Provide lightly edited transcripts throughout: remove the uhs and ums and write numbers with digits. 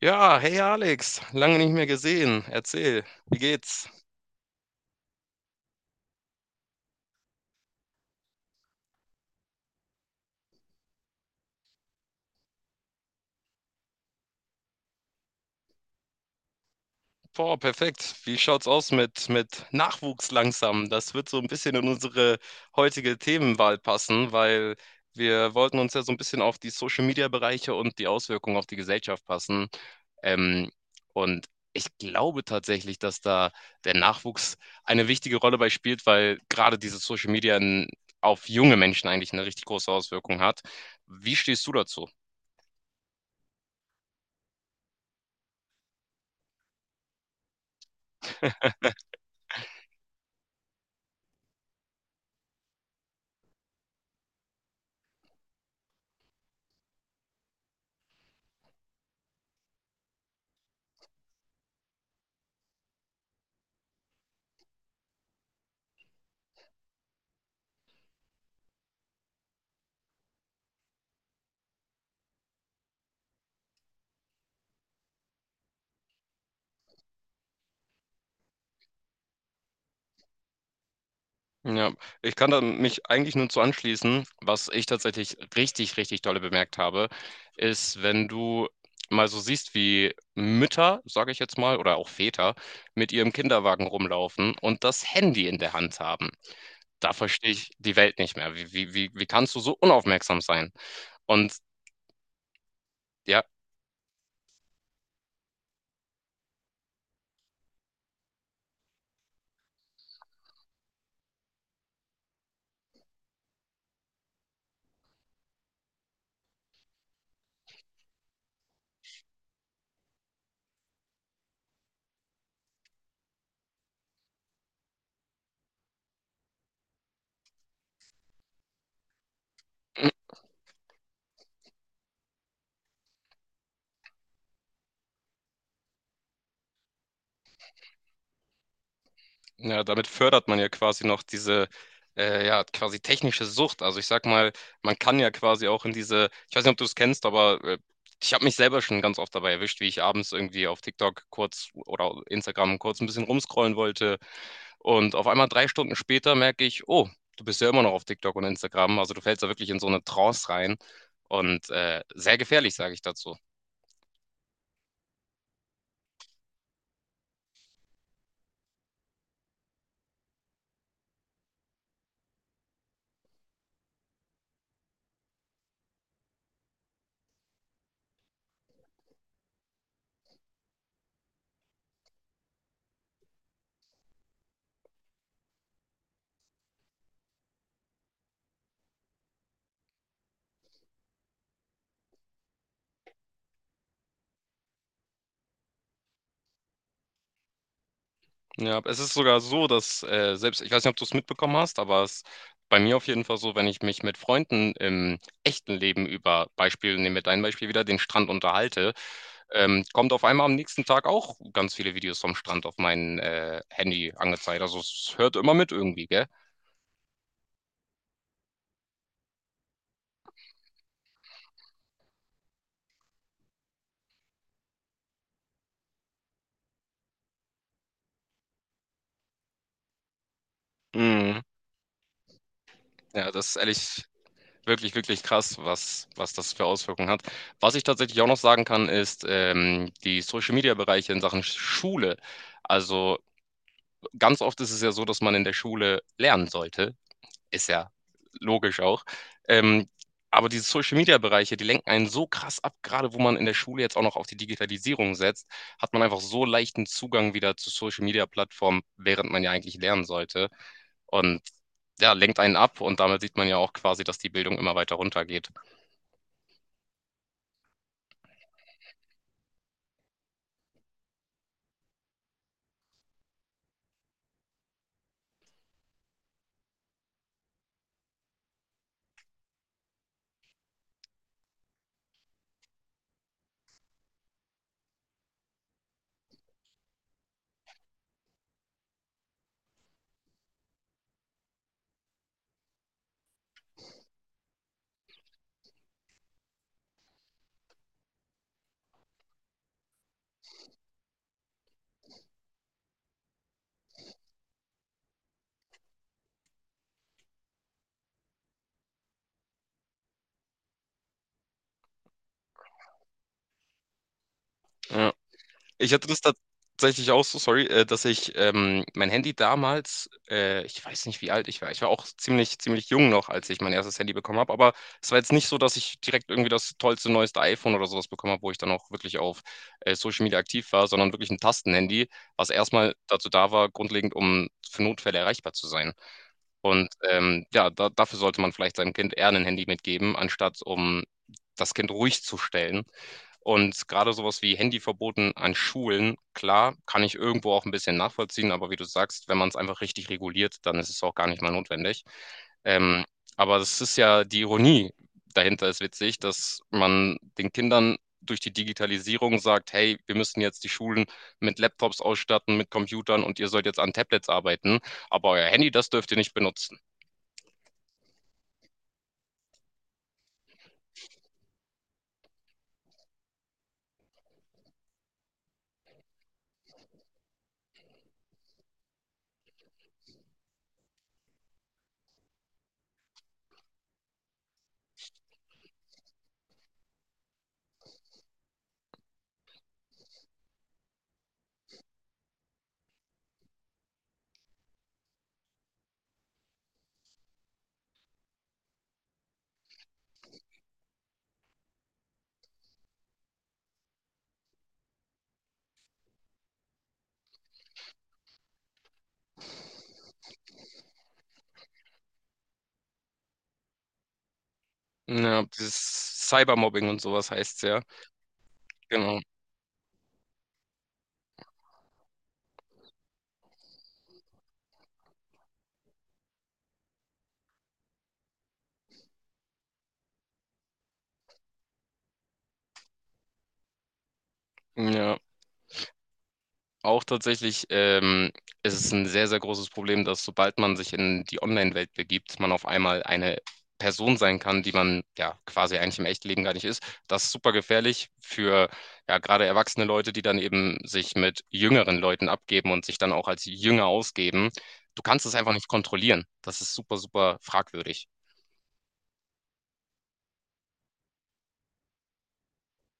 Ja, hey Alex, lange nicht mehr gesehen. Erzähl, wie geht's? Boah, perfekt. Wie schaut's aus mit Nachwuchs langsam? Das wird so ein bisschen in unsere heutige Themenwahl passen, weil wir wollten uns ja so ein bisschen auf die Social-Media-Bereiche und die Auswirkungen auf die Gesellschaft passen. Ähm, und ich glaube tatsächlich, dass da der Nachwuchs eine wichtige Rolle bei spielt, weil gerade dieses Social-Media auf junge Menschen eigentlich eine richtig große Auswirkung hat. Wie stehst du dazu? Ja, ich kann da mich eigentlich nur zu anschließen. Was ich tatsächlich richtig, richtig dolle bemerkt habe, ist, wenn du mal so siehst, wie Mütter, sage ich jetzt mal, oder auch Väter mit ihrem Kinderwagen rumlaufen und das Handy in der Hand haben. Da verstehe ich die Welt nicht mehr. Wie kannst du so unaufmerksam sein? Und ja, Ja, damit fördert man ja quasi noch diese, ja, quasi technische Sucht. Also ich sag mal, man kann ja quasi auch in diese, ich weiß nicht, ob du es kennst, aber ich habe mich selber schon ganz oft dabei erwischt, wie ich abends irgendwie auf TikTok kurz oder Instagram kurz ein bisschen rumscrollen wollte. Und auf einmal drei Stunden später merke ich, oh, du bist ja immer noch auf TikTok und Instagram. Also du fällst da wirklich in so eine Trance rein. Und sehr gefährlich, sage ich dazu. Ja, es ist sogar so, dass selbst, ich weiß nicht, ob du es mitbekommen hast, aber es ist bei mir auf jeden Fall so, wenn ich mich mit Freunden im echten Leben über Beispiel, nehmen wir dein Beispiel wieder, den Strand unterhalte, kommt auf einmal am nächsten Tag auch ganz viele Videos vom Strand auf mein Handy angezeigt. Also es hört immer mit irgendwie, gell? Mhm. Ja, das ist ehrlich wirklich, wirklich krass, was das für Auswirkungen hat. Was ich tatsächlich auch noch sagen kann, ist die Social-Media-Bereiche in Sachen Schule. Also ganz oft ist es ja so, dass man in der Schule lernen sollte. Ist ja logisch auch. Ähm, aber diese Social-Media-Bereiche, die lenken einen so krass ab, gerade wo man in der Schule jetzt auch noch auf die Digitalisierung setzt, hat man einfach so leichten Zugang wieder zu Social-Media-Plattformen, während man ja eigentlich lernen sollte. Und ja, lenkt einen ab und damit sieht man ja auch quasi, dass die Bildung immer weiter runtergeht. Ja. Ich hatte das tatsächlich auch so, sorry, dass ich mein Handy damals, ich weiß nicht, wie alt ich war. Ich war auch ziemlich, ziemlich jung noch, als ich mein erstes Handy bekommen habe. Aber es war jetzt nicht so, dass ich direkt irgendwie das tollste, neueste iPhone oder sowas bekommen habe, wo ich dann auch wirklich auf Social Media aktiv war, sondern wirklich ein Tastenhandy, was erstmal dazu da war, grundlegend, um für Notfälle erreichbar zu sein. Und ja, da, dafür sollte man vielleicht seinem Kind eher ein Handy mitgeben, anstatt um das Kind ruhig zu stellen. Und gerade sowas wie Handyverboten an Schulen, klar, kann ich irgendwo auch ein bisschen nachvollziehen, aber wie du sagst, wenn man es einfach richtig reguliert, dann ist es auch gar nicht mal notwendig. Ähm, aber das ist ja die Ironie dahinter ist witzig, dass man den Kindern durch die Digitalisierung sagt, hey, wir müssen jetzt die Schulen mit Laptops ausstatten, mit Computern und ihr sollt jetzt an Tablets arbeiten, aber euer Handy, das dürft ihr nicht benutzen. Ja, dieses Cybermobbing und sowas heißt es ja. Genau. Ja, auch tatsächlich, ist es ein sehr, sehr großes Problem, dass sobald man sich in die Online-Welt begibt, man auf einmal eine Person sein kann, die man ja quasi eigentlich im echten Leben gar nicht ist. Das ist super gefährlich für ja gerade erwachsene Leute, die dann eben sich mit jüngeren Leuten abgeben und sich dann auch als Jünger ausgeben. Du kannst es einfach nicht kontrollieren. Das ist super, super fragwürdig.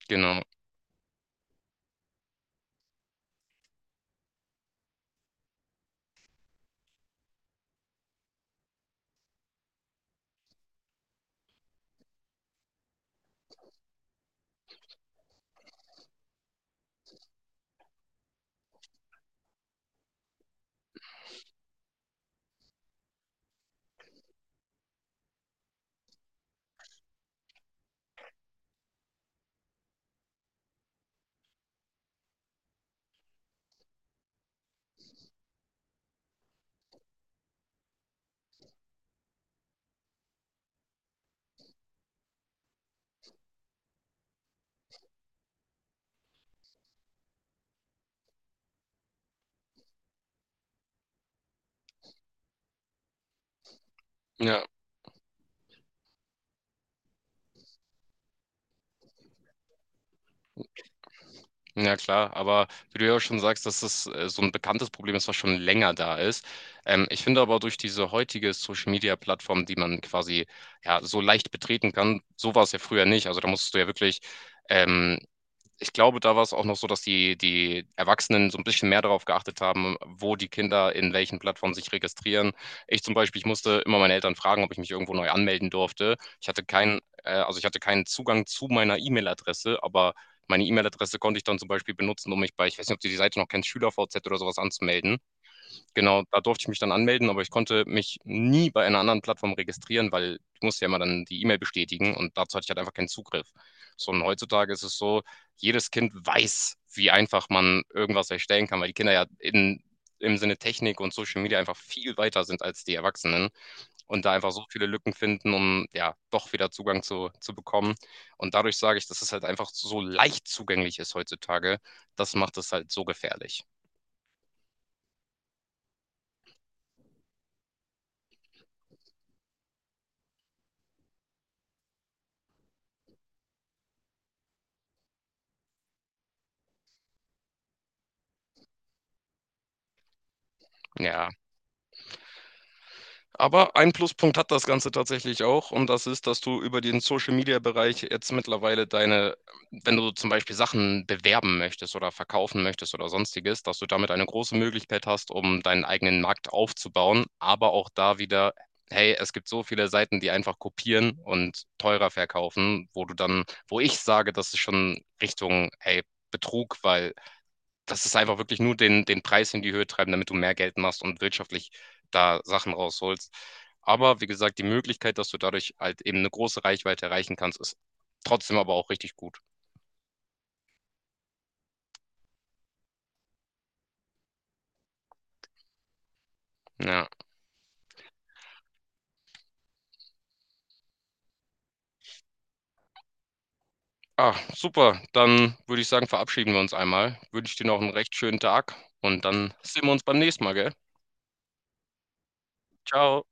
Genau. Ja. Ja klar, aber wie du ja auch schon sagst, dass das so ein bekanntes Problem ist, was schon länger da ist. Ich finde aber durch diese heutige Social-Media-Plattform, die man quasi ja so leicht betreten kann, so war es ja früher nicht. Also da musstest du ja wirklich ähm, ich glaube, da war es auch noch so, dass die Erwachsenen so ein bisschen mehr darauf geachtet haben, wo die Kinder in welchen Plattformen sich registrieren. Ich zum Beispiel, ich musste immer meine Eltern fragen, ob ich mich irgendwo neu anmelden durfte. Ich hatte keinen, also ich hatte keinen Zugang zu meiner E-Mail-Adresse, aber meine E-Mail-Adresse konnte ich dann zum Beispiel benutzen, um mich bei, ich weiß nicht, ob du die Seite noch kennst, SchülerVZ oder sowas anzumelden. Genau, da durfte ich mich dann anmelden, aber ich konnte mich nie bei einer anderen Plattform registrieren, weil ich musste ja immer dann die E-Mail bestätigen und dazu hatte ich halt einfach keinen Zugriff. So, und heutzutage ist es so, jedes Kind weiß, wie einfach man irgendwas erstellen kann, weil die Kinder ja in, im Sinne Technik und Social Media einfach viel weiter sind als die Erwachsenen und da einfach so viele Lücken finden, um ja doch wieder Zugang zu bekommen. Und dadurch sage ich, dass es halt einfach so leicht zugänglich ist heutzutage. Das macht es halt so gefährlich. Ja. Aber ein Pluspunkt hat das Ganze tatsächlich auch und das ist, dass du über den Social-Media-Bereich jetzt mittlerweile deine, wenn du zum Beispiel Sachen bewerben möchtest oder verkaufen möchtest oder sonstiges, dass du damit eine große Möglichkeit hast, um deinen eigenen Markt aufzubauen, aber auch da wieder, hey, es gibt so viele Seiten, die einfach kopieren und teurer verkaufen, wo du dann, wo ich sage, das ist schon Richtung, hey, Betrug, weil das ist einfach wirklich nur den Preis in die Höhe treiben, damit du mehr Geld machst und wirtschaftlich da Sachen rausholst. Aber wie gesagt, die Möglichkeit, dass du dadurch halt eben eine große Reichweite erreichen kannst, ist trotzdem aber auch richtig gut. Ja. Ah, super. Dann würde ich sagen, verabschieden wir uns einmal. Wünsche dir noch einen recht schönen Tag und dann sehen wir uns beim nächsten Mal, gell? Ciao.